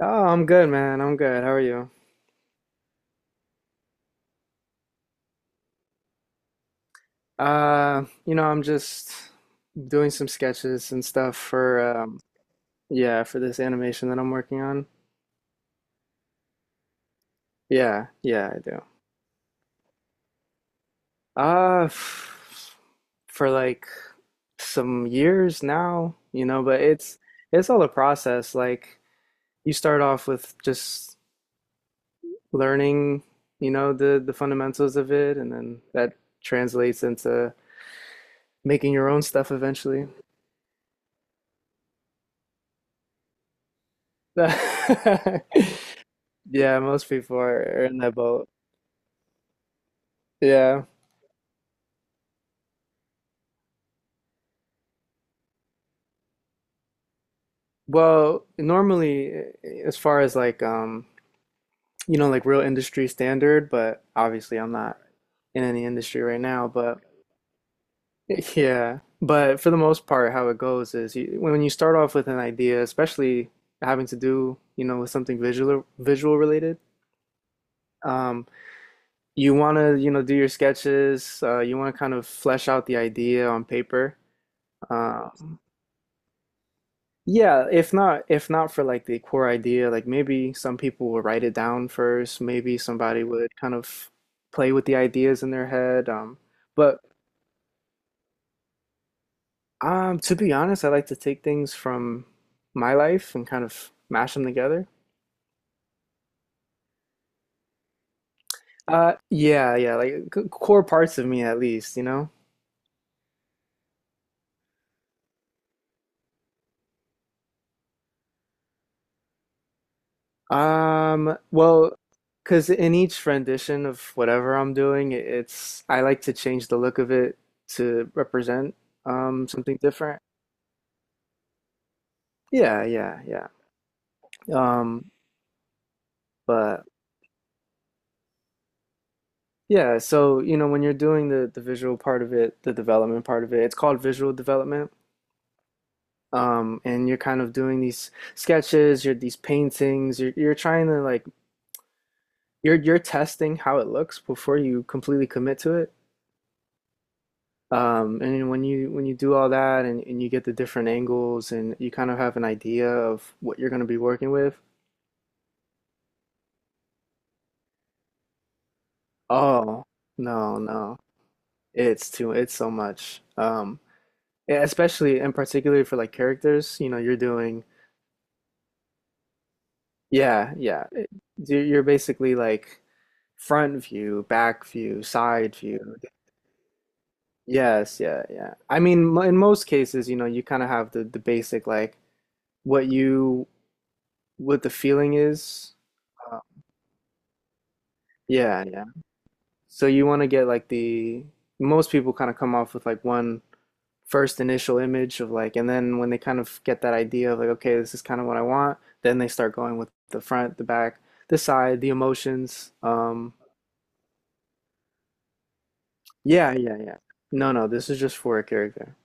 Oh, I'm good, man. I'm good. How are you? You know, I'm just doing some sketches and stuff for yeah, for this animation that I'm working on. Yeah, yeah, I do. F for like some years now, you know, but it's all a process. Like you start off with just learning, you know, the fundamentals of it, and then that translates into making your own stuff eventually. Yeah, most people are in that boat. Yeah. Well, normally, as far as like, you know, like real industry standard, but obviously I'm not in any industry right now, but yeah. But for the most part, how it goes is you, when you start off with an idea, especially having to do, you know, with something visual related, um, you want to, you know, do your sketches, you want to kind of flesh out the idea on paper. uh, Yeah, if not for like the core idea, like maybe some people will write it down first, maybe somebody would kind of play with the ideas in their head. But To be honest, I like to take things from my life and kind of mash them together. Yeah, yeah, like c- core parts of me at least, you know? Well, because in each rendition of whatever I'm doing, it- it's I like to change the look of it to represent something different. Yeah, yeah, yeah. Um, but Yeah, so you know, when you're doing the visual part of it, the development part of it, it's called visual development. And you're kind of doing these sketches, you're these paintings, you're trying to like you're testing how it looks before you completely commit to it. And when you do all that and you get the different angles and you kind of have an idea of what you're going to be working with, oh, no, no. It's too it's so much. Yeah, especially and particularly for like characters, you know, you're doing yeah, yeah. It- You're basically like front view, back view, side view. Yes, yeah, yeah. I mean, mo- in most cases, you know, you kind of have the basic like what you what the feeling is. Uh, yeah, yeah. So you want to get like the most people kind of come off with like one first initial image of like, and then when they kind of get that idea of like, okay, this is kind of what I want, then they start going with the front, the back, the side, the emotions. Yeah, yeah, yeah. No, no, this is just for a character.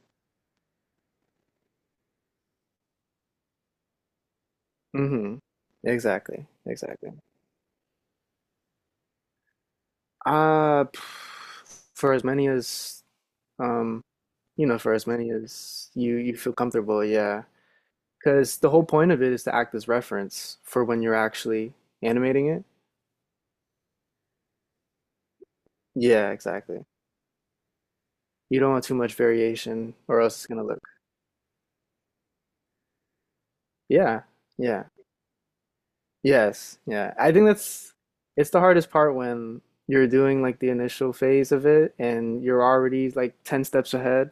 Mm-hmm. Exactly, exactly. Uh, p- for as many as um, you know, for as many as you feel comfortable, yeah. Because the whole point of it is to act as reference for when you're actually animating it. Yeah, exactly. You don't want too much variation, or else it's gonna look. Yeah, yeah, yes, yeah. I think that's it's the hardest part when you're doing like the initial phase of it and you're already like 10 steps ahead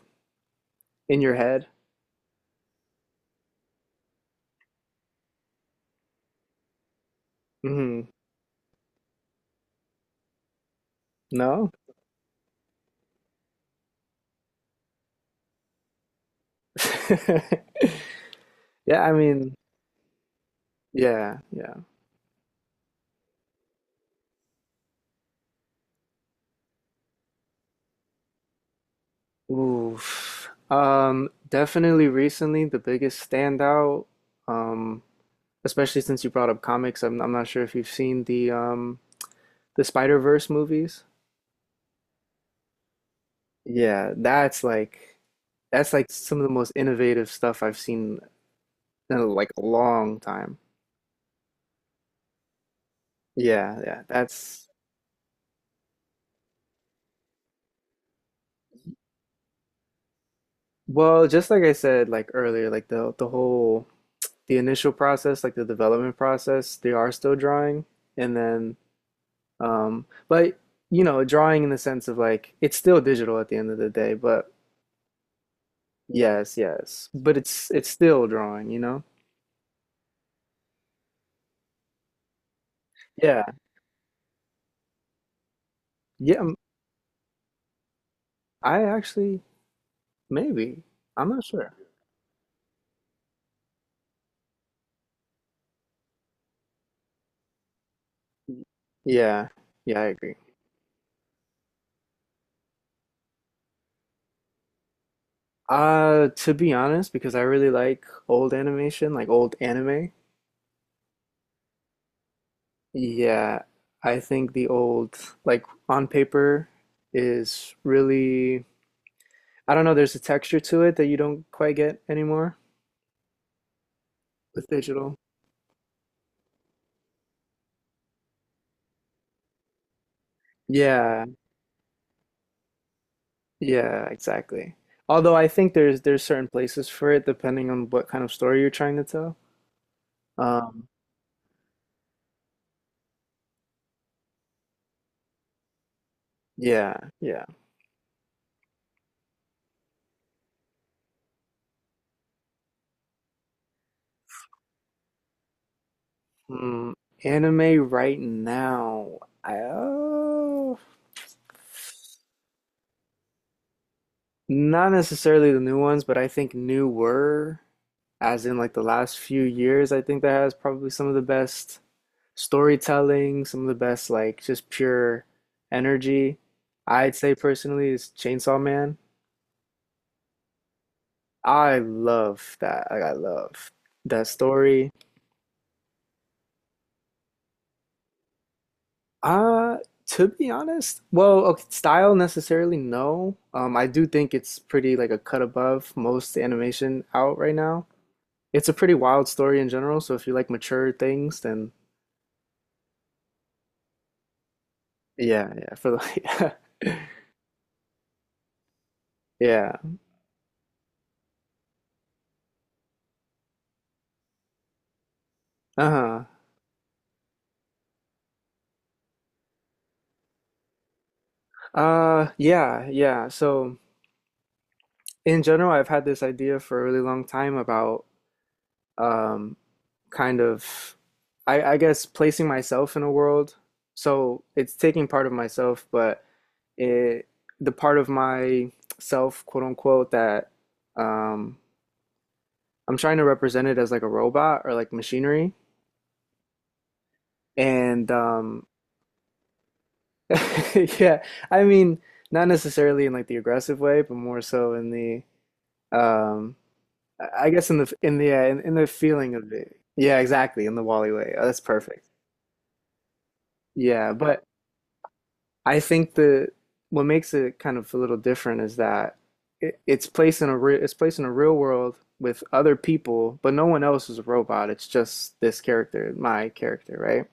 in your head. hmm No? Yeah, I mean, yeah, yeah. Oof. Definitely recently the biggest standout, um, especially since you brought up comics, I'm not sure if you've seen the Spider-Verse movies. Yeah, that's like some of the most innovative stuff I've seen in like a long time. Yeah, yeah. That's well, just like I said like earlier, like the whole the initial process, like the development process, they are still drawing and then but you know, drawing in the sense of like it's still digital at the end of the day, but yes, yes. But it's still drawing, you know? Yeah. Yeah, m- I actually maybe. I'm not sure. Yeah, yeah, I agree. To be honest, because I really like old animation, like old anime, yeah, I think the old, like on paper, is really, I don't know, there's a texture to it that you don't quite get anymore with digital. Yeah, yeah, exactly. Although I think there's certain places for it depending on what kind of story you're trying to tell. Um, yeah, yeah. Hmm, anime right now. I, uh, Not necessarily the new ones, but I think newer, as in like the last few years, I think that has probably some of the best storytelling, some of the best like just pure energy. I'd say personally is Chainsaw Man. I love that. Like I love that story. Uh, to be honest, well, okay, style necessarily, no. I do think it's pretty like a cut above most animation out right now. It's a pretty wild story in general, so if you like mature things, then yeah, yeah, for the yeah. Uh-huh. Yeah, yeah. So in general, I've had this idea for a really long time about um kind of I guess placing myself in a world. So it's taking part of myself, but it the part of myself, quote unquote, that um I'm trying to represent it as like a robot or like machinery. And yeah, I mean, not necessarily in like the aggressive way, but more so in the um I guess in the in the feeling of it. Yeah, exactly, in the Wally way. Oh, that's perfect. Yeah, but I think the what makes it kind of a little different is that it, it's placed in a re, it's placed in a real world with other people, but no one else is a robot. It's just this character, my character, right?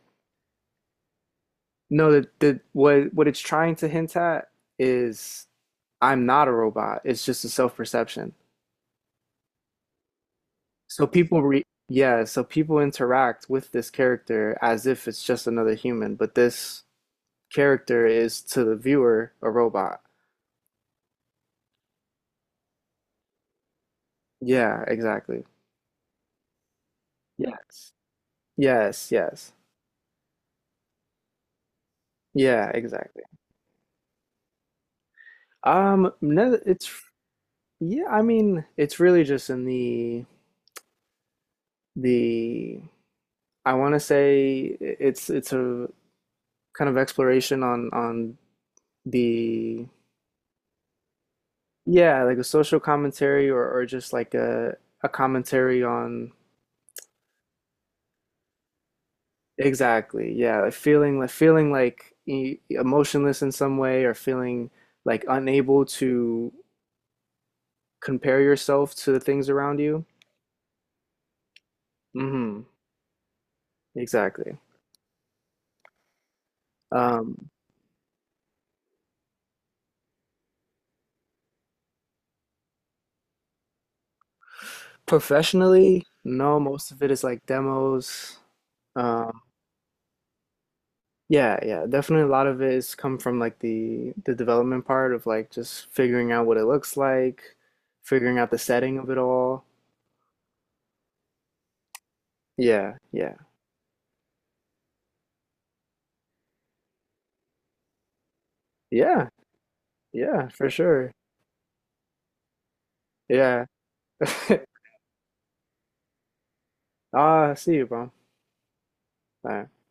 No, the what it's trying to hint at is I'm not a robot. It's just a self-perception. So people re yeah, so people interact with this character as if it's just another human, but this character is to the viewer a robot. Yeah, exactly. Yes. Yes, yes. Yeah, exactly. No, it's yeah, I mean, it's really just in the I want to say it's a kind of exploration on the yeah, like a social commentary or just like a commentary on exactly. Yeah, like feeling like e- emotionless in some way or feeling like unable to compare yourself to the things around you. Mm-hmm. Exactly. Um, Professionally, no, most of it is like demos. Um, yeah, yeah, definitely a lot of it is come from like the development part of like just figuring out what it looks like, figuring out the setting of it all. Yeah, yeah, yeah, yeah, for sure. Yeah. Ah, I see you, bro. All right.